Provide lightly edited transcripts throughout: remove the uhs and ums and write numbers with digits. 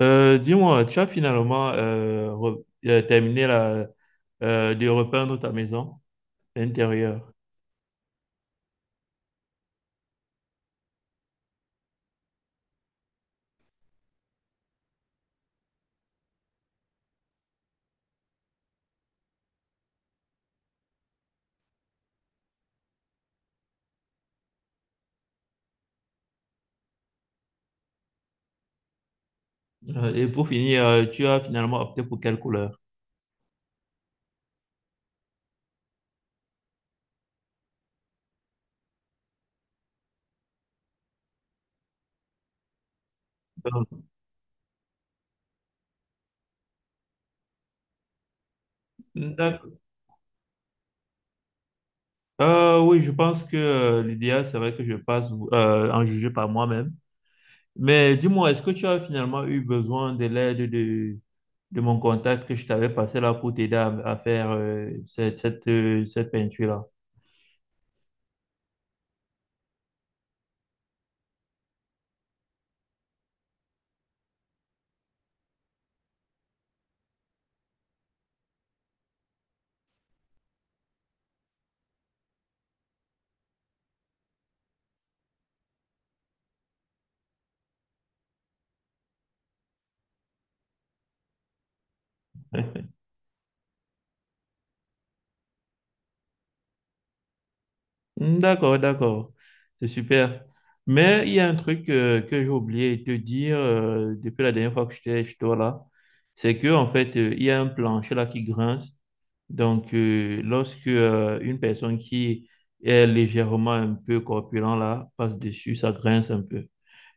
Dis-moi, tu as finalement terminé de repeindre ta maison intérieure. Et pour finir, tu as finalement opté pour quelle couleur? Euh, d'ac- oui, je pense que l'idéal serait que je passe en juger par moi-même. Mais dis-moi, est-ce que tu as finalement eu besoin de l'aide de mon contact que je t'avais passé là pour t'aider à faire cette peinture-là? Hmm. D'accord, d'accord. C'est super. Mais il y a un truc que j'ai oublié de te dire depuis la dernière fois que j'étais chez toi là, c'est que en fait, il y a un plancher là qui grince. Donc, lorsque une personne qui est légèrement un peu corpulent là passe dessus, ça grince un peu.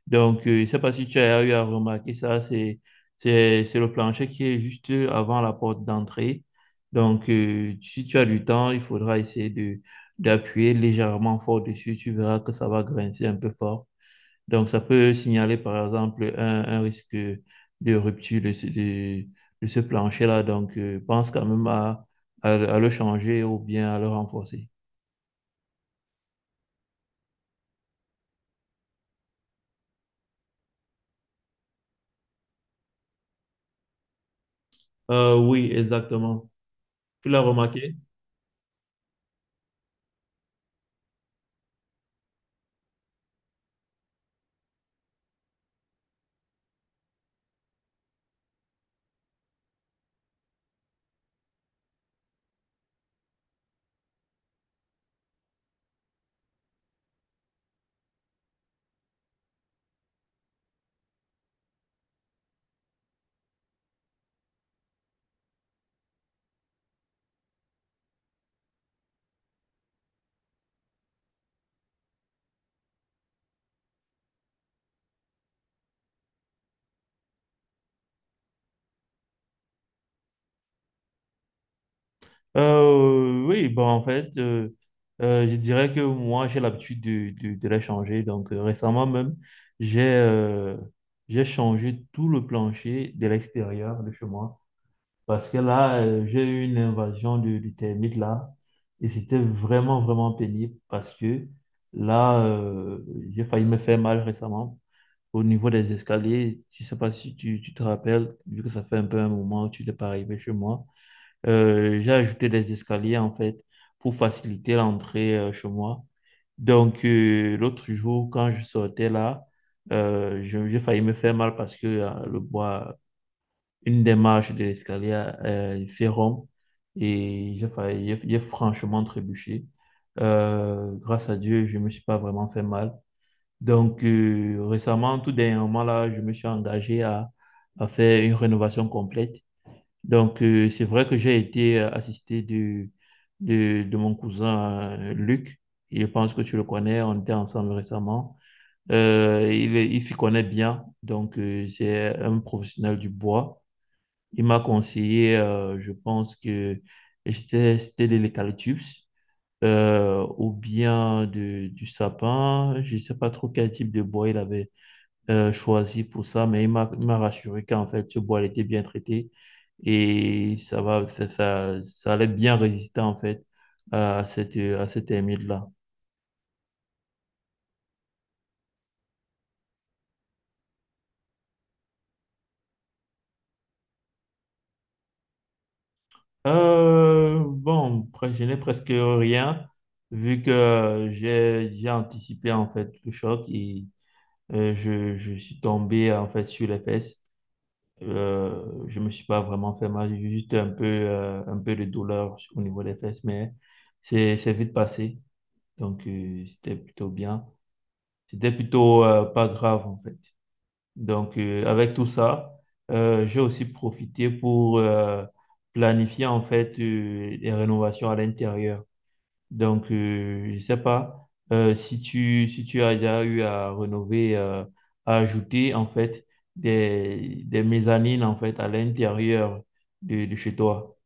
Donc, je ne sais pas si tu as eu à remarquer ça, c'est le plancher qui est juste avant la porte d'entrée. Donc, si tu as du temps, il faudra essayer d'appuyer légèrement fort dessus. Tu verras que ça va grincer un peu fort. Donc, ça peut signaler, par exemple, un risque de rupture de ce plancher-là. Donc, pense quand même à le changer ou bien à le renforcer. Oui, exactement. Tu l'as remarqué? Oui, bon, en fait, je dirais que moi, j'ai l'habitude de les changer. Donc, récemment même, j'ai euh, j'ai changé tout le plancher de l'extérieur de chez moi. Parce que là, j'ai eu une invasion du de termites là. Et c'était vraiment, vraiment pénible parce que là, j'ai failli me faire mal récemment au niveau des escaliers. Je ne sais pas si tu, tu te rappelles, vu que ça fait un peu un moment que tu n'es pas arrivé chez moi. J'ai ajouté des escaliers en fait pour faciliter l'entrée chez moi. Donc, l'autre jour, quand je sortais là, j'ai failli me faire mal parce que le bois une des marches de l'escalier fait rond et j'ai failli- j'ai franchement trébuché. Grâce à Dieu, je ne me suis pas vraiment fait mal. Donc, récemment, tout dernièrement, là, je me suis engagé à faire une rénovation complète. Donc, c'est vrai que j'ai été de mon cousin Luc. Je pense que tu le connais, on était ensemble récemment. Il s'y connaît bien, donc c'est un professionnel du bois. Il m'a conseillé, je pense que c'était de l'eucalyptus ou bien du sapin. Je ne sais pas trop quel type de bois il avait choisi pour ça, mais il m'a rassuré qu'en fait, ce bois il était bien traité et ça va, ça allait bien résister en fait à cette là. Bon, après, je n'ai presque rien vu que j'ai anticipé en fait le choc et je suis tombé en fait sur les fesses. Je me suis pas vraiment fait mal, j'ai juste un peu de douleur au niveau des fesses, mais c'est vite passé. Donc c'était plutôt bien. C'était plutôt pas grave en fait. Donc avec tout ça, j'ai aussi profité pour planifier en fait les rénovations à l'intérieur. Donc, je ne sais pas si tu as déjà eu à rénover, à ajouter en fait des mezzanines en fait à l'intérieur de chez toi.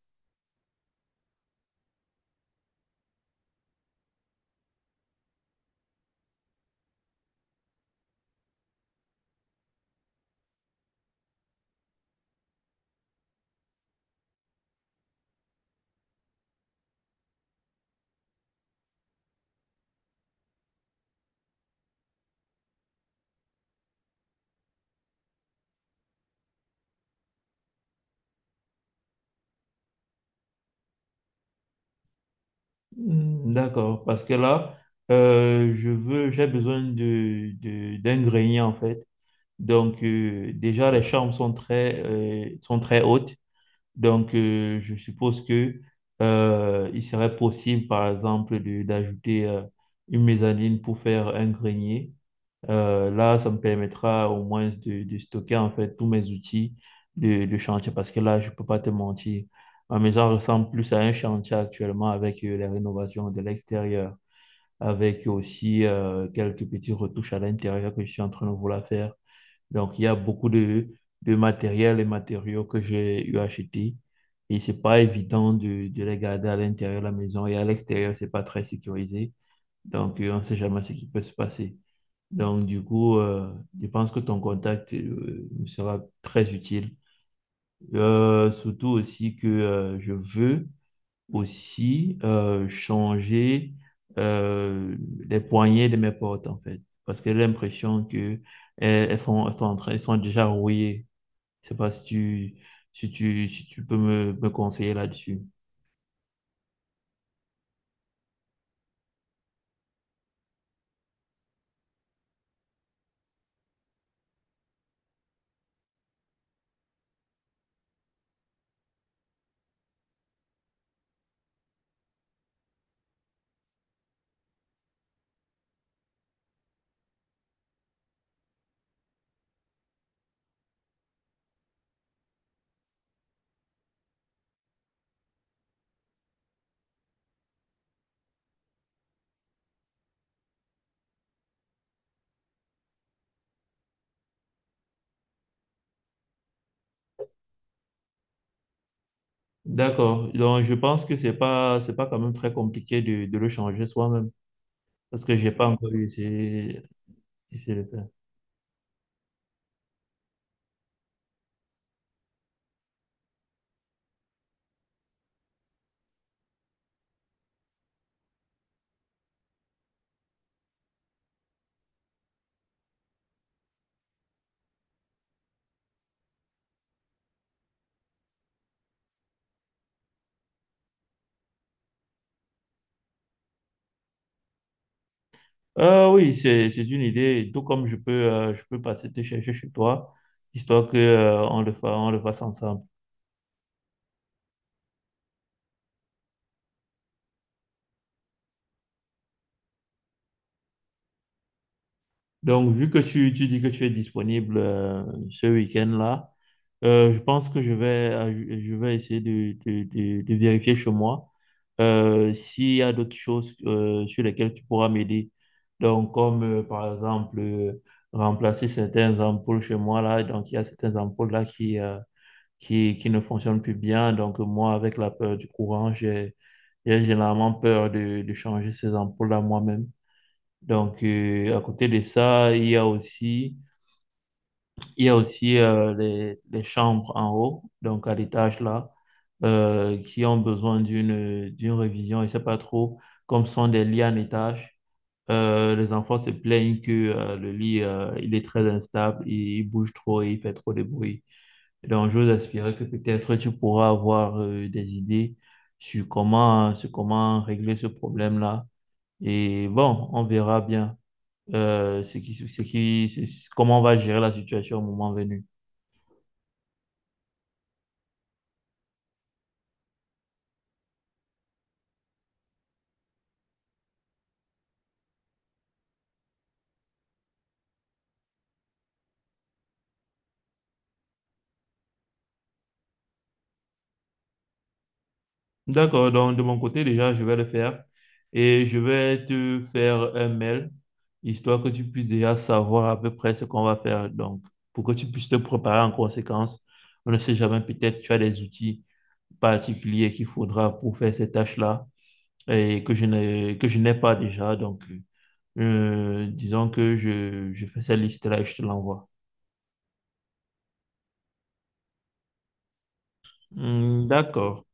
Hmm. D'accord, parce que là, j'ai besoin d'un grenier en fait. Donc, déjà, les chambres sont très hautes. Donc, je suppose que il serait possible, par exemple, d'ajouter une mezzanine pour faire un grenier. Là, ça me permettra au moins de stocker en fait tous mes outils de chantier parce que là, je peux pas te mentir. Ma maison ressemble plus à un chantier actuellement avec les rénovations de l'extérieur, avec aussi quelques petits retouches à l'intérieur que je suis en train de vouloir faire. Donc, il y a beaucoup de matériel et matériaux que j'ai eu acheté. Et c'est pas évident de les garder à l'intérieur de la maison et à l'extérieur, c'est pas très sécurisé. Donc, on sait jamais ce qui peut se passer. Donc, du coup, je pense que ton contact me sera très utile. Surtout aussi que je veux aussi changer euh, les poignées de mes portes, en fait. Parce que j'ai l'impression que elles, elles font, elles sont en train, elles sont déjà rouillées. Je sais pas si tu peux me conseiller là-dessus. D'accord. Donc, je pense que c'est pas quand même très compliqué de le changer soi-même. Parce que j'ai pas encore essayé, essayé de le faire. Oui, c'est une idée. Tout comme je peux passer te chercher chez toi, histoire que, on le fasse ensemble. Donc, vu que tu dis que tu es disponible ce week-end-là, je pense que je vais essayer de vérifier chez moi s'il y a d'autres choses sur lesquelles tu pourras m'aider. Donc, comme par exemple remplacer certains ampoules chez moi là. Donc, il y a certaines ampoules là qui ne fonctionnent plus bien. Donc, moi, avec la peur du courant, j'ai généralement peur de changer ces ampoules là moi-même. Donc, à côté de ça, il y a aussi les chambres en haut, donc à l'étage là, qui ont besoin d'une révision. Je sais pas trop, comme ce sont des lits en étage, les enfants se plaignent que il est très instable, il bouge trop et il fait trop de bruit. Donc, j'ose espérer que peut-être tu pourras avoir des idées sur comment régler ce problème-là. Et bon, on verra bien ce qui, c'est- comment on va gérer la situation au moment venu. D'accord, donc de mon côté, déjà, je vais le faire et je vais te faire un mail, histoire que tu puisses déjà savoir à peu près ce qu'on va faire. Donc, pour que tu puisses te préparer en conséquence, on ne sait jamais, peut-être tu as des outils particuliers qu'il faudra pour faire ces tâches-là et que je n'ai pas déjà. Donc, disons que je fais cette liste-là et je te l'envoie. Hmm. D'accord.